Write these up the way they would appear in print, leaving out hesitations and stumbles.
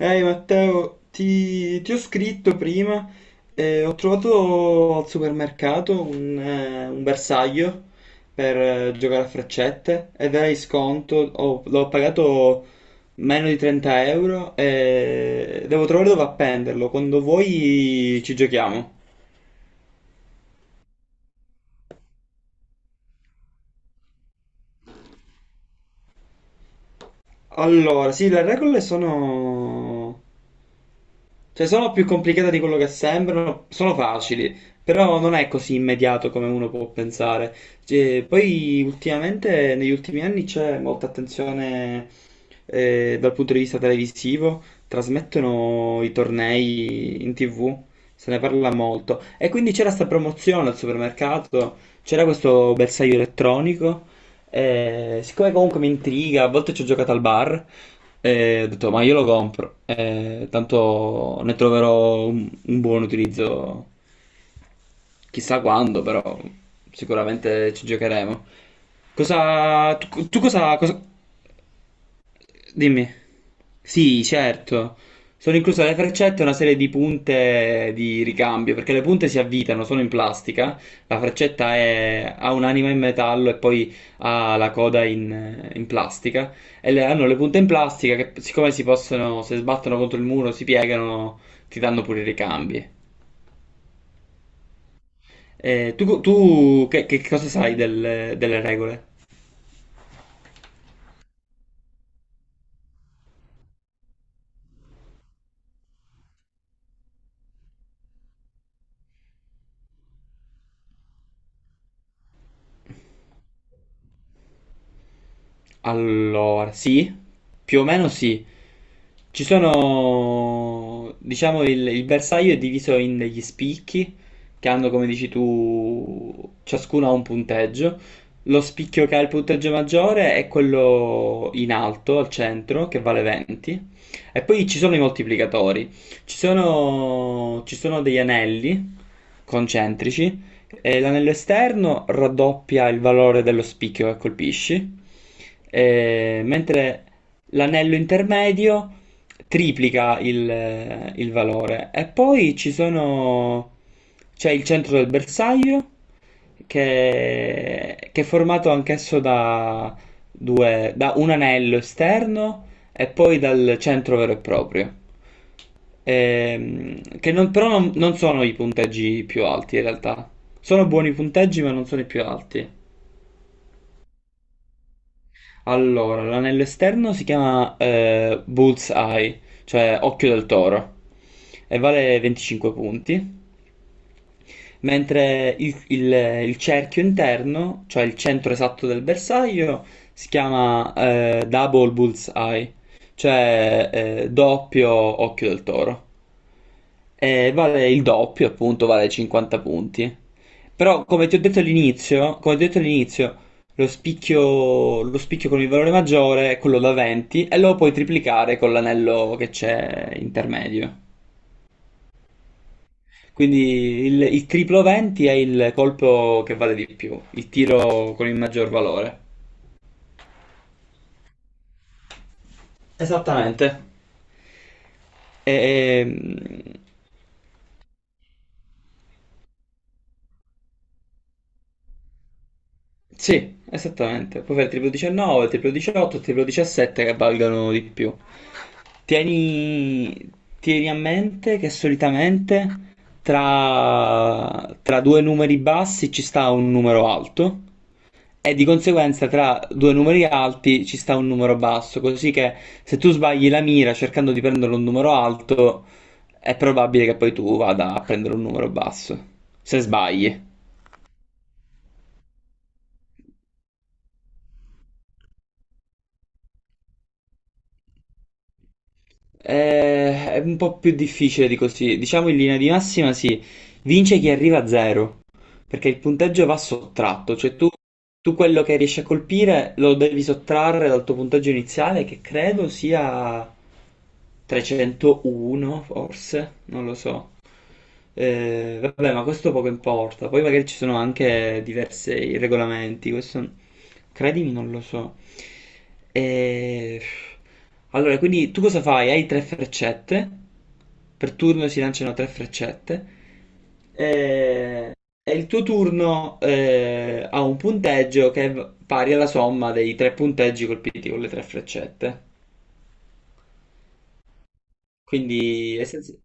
Ehi Matteo, ti ho scritto prima, ho trovato al supermercato un bersaglio per giocare a freccette ed era in sconto, l'ho pagato meno di 30 euro e devo trovare dove appenderlo, quando vuoi ci giochiamo. Allora, sì, le regole sono cioè, sono più complicate di quello che sembrano, sono facili, però non è così immediato come uno può pensare. Cioè, poi ultimamente, negli ultimi anni c'è molta attenzione dal punto di vista televisivo, trasmettono i tornei in TV, se ne parla molto. E quindi c'era sta promozione al supermercato, c'era questo bersaglio elettronico, siccome comunque mi intriga, a volte ci ho giocato al bar, ho detto ma io lo compro, tanto ne troverò un buon utilizzo, chissà quando, però sicuramente ci giocheremo. Cosa, tu cosa, dimmi. Sì, certo. Sono incluse le freccette e una serie di punte di ricambio, perché le punte si avvitano, sono in plastica, la freccetta ha un'anima in metallo e poi ha la coda in plastica, e hanno le punte in plastica che siccome si possono, se sbattono contro il muro, si piegano, ti danno pure i ricambi. Tu che, cosa sai delle regole? Allora, sì, più o meno sì. Ci sono, diciamo, il bersaglio è diviso in degli spicchi che hanno, come dici tu, ciascuno ha un punteggio. Lo spicchio che ha il punteggio maggiore è quello in alto, al centro, che vale 20. E poi ci sono i moltiplicatori. Ci sono degli anelli concentrici e l'anello esterno raddoppia il valore dello spicchio che colpisci, mentre l'anello intermedio triplica il valore. E poi c'è il centro del bersaglio, che è formato anch'esso da, due, da un anello esterno e poi dal centro vero e proprio. Che non- però non sono i punteggi più alti in realtà. Sono buoni punteggi, ma non sono i più alti. Allora, l'anello esterno si chiama Bullseye, cioè occhio del toro, e vale 25 punti. Mentre il cerchio interno, cioè il centro esatto del bersaglio, si chiama Double Bullseye, cioè doppio occhio del toro. Vale il doppio, appunto, vale 50 punti. Però, come ti ho detto all'inizio, lo spicchio con il valore maggiore è quello da 20 e lo puoi triplicare con l'anello che c'è intermedio. Quindi il triplo 20 è il colpo che vale di più, il tiro con il maggior valore. Esattamente. Ehm, sì, esattamente. Puoi fare triplo 19, triplo 18, triplo 17 che valgano di più. Tieni, tieni a mente che solitamente tra due numeri bassi ci sta un numero alto e di conseguenza tra due numeri alti ci sta un numero basso, così che se tu sbagli la mira cercando di prendere un numero alto è probabile che poi tu vada a prendere un numero basso, se sbagli. È un po' più difficile di così, diciamo in linea di massima sì, vince chi arriva a zero. Perché il punteggio va sottratto, cioè tu quello che riesci a colpire lo devi sottrarre dal tuo punteggio iniziale, che credo sia 301, forse, non lo so. Vabbè, ma questo poco importa. Poi magari ci sono anche diversi regolamenti, questo credimi, non lo so. Eh, Allora, quindi tu cosa fai? Hai tre freccette. Per turno si lanciano tre freccette. Eh, e il tuo turno ha un punteggio che è pari alla somma dei tre punteggi colpiti con le tre freccette. Quindi essenzi-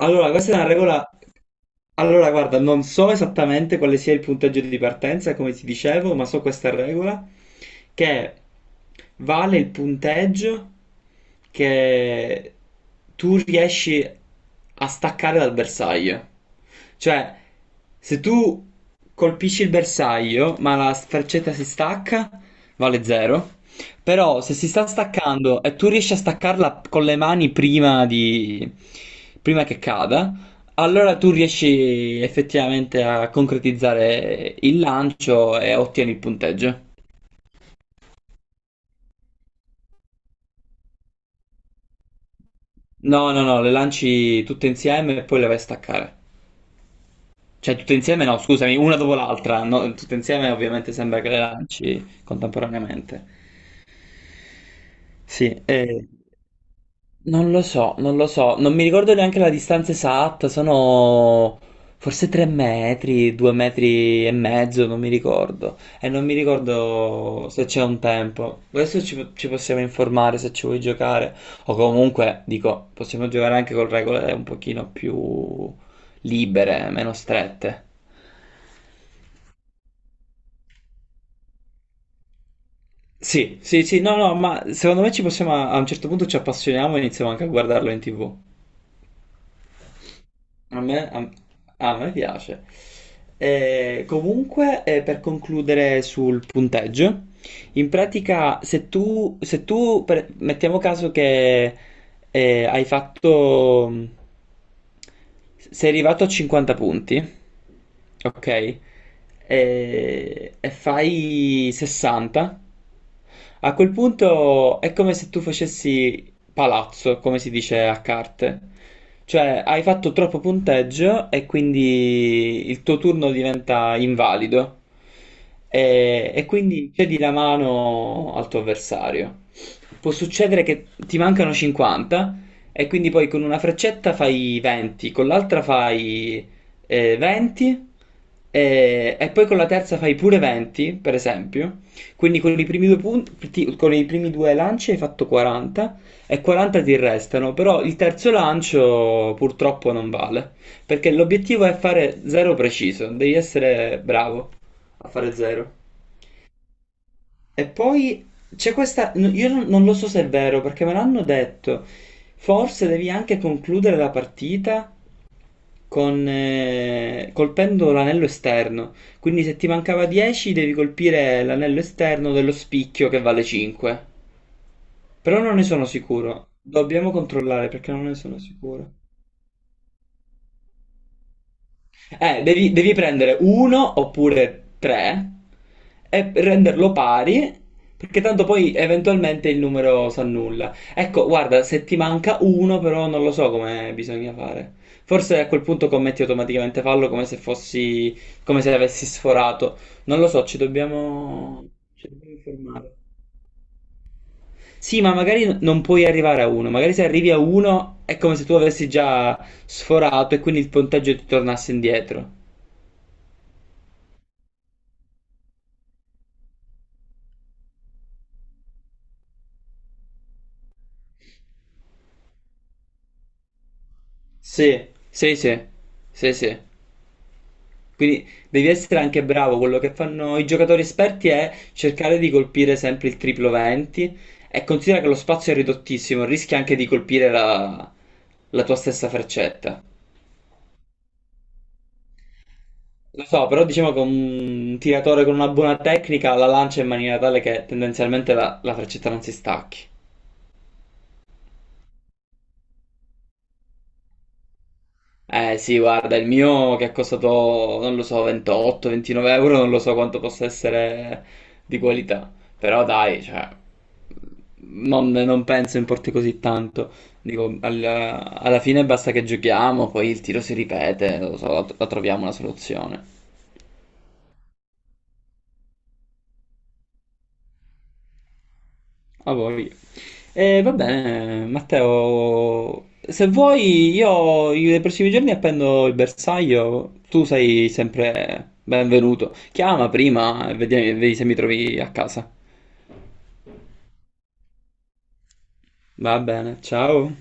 Allora, questa è una regola. Allora, guarda, non so esattamente quale sia il punteggio di partenza, come ti dicevo, ma so questa regola che vale il punteggio che tu riesci a staccare dal bersaglio. Cioè, se tu colpisci il bersaglio, ma la sferzetta si stacca, vale 0. Però se si sta staccando e tu riesci a staccarla con le mani prima che cada, allora tu riesci effettivamente a concretizzare il lancio e ottieni il punteggio. No, no, no, le lanci tutte insieme e poi le vai a staccare. Cioè, tutte insieme no, scusami, una dopo l'altra. No, tutte insieme ovviamente sembra che le lanci contemporaneamente. Sì, non lo so, non lo so, non mi ricordo neanche la distanza esatta, sono forse 3 metri, 2 metri e mezzo, non mi ricordo. E non mi ricordo se c'è un tempo. Adesso ci possiamo informare se ci vuoi giocare. O comunque, dico, possiamo giocare anche con regole un pochino più libere, meno strette. Sì, sì, sì, no, no, ma secondo me ci possiamo, a un certo punto ci appassioniamo e iniziamo anche a guardarlo in TV. A me, a, a me piace. Comunque, per concludere sul punteggio, in pratica, se tu mettiamo caso che hai fatto, sei arrivato a 50 punti, ok? E fai 60, a quel punto è come se tu facessi palazzo, come si dice a carte. Cioè, hai fatto troppo punteggio e quindi il tuo turno diventa invalido. E quindi cedi la mano al tuo avversario. Può succedere che ti mancano 50 e quindi poi con una freccetta fai 20, con l'altra fai 20 e poi con la terza fai pure 20, per esempio. Quindi con i primi due punti, con i primi due lanci hai fatto 40 e 40 ti restano, però il terzo lancio purtroppo non vale, perché l'obiettivo è fare zero preciso, devi essere bravo a fare zero. E poi c'è questa, n- io non, non lo so se è vero, perché me l'hanno detto, forse devi anche concludere la partita colpendo l'anello esterno, quindi se ti mancava 10 devi colpire l'anello esterno dello spicchio che vale 5. Però non ne sono sicuro. Dobbiamo controllare perché non ne sono sicuro. Devi prendere uno oppure tre e renderlo pari, perché tanto poi eventualmente il numero si annulla. Ecco, guarda, se ti manca uno, però non lo so come bisogna fare. Forse a quel punto commetti automaticamente fallo come se fossi, come se avessi sforato. Non lo so, ci dobbiamo informare. Sì, ma magari non puoi arrivare a uno, magari se arrivi a uno è come se tu avessi già sforato e quindi il punteggio ti tornasse indietro. Sì, sì, sì, sì, sì. Quindi devi essere anche bravo. Quello che fanno i giocatori esperti è cercare di colpire sempre il triplo 20 e considera che lo spazio è ridottissimo, rischi anche di colpire la tua stessa freccetta. Lo so, però diciamo che un tiratore con una buona tecnica la lancia in maniera tale che tendenzialmente la freccetta non si stacchi. Eh sì, guarda, il mio che è costato, non lo so, 28-29 euro, non lo so quanto possa essere di qualità, però dai, cioè, non penso importi così tanto. Dico, alla fine basta che giochiamo, poi il tiro si ripete, non lo so, la troviamo una soluzione. A voi. E va bene, Matteo, se vuoi io nei prossimi giorni appendo il bersaglio, tu sei sempre benvenuto. Chiama prima e vedi se mi trovi a casa. Va bene, ciao.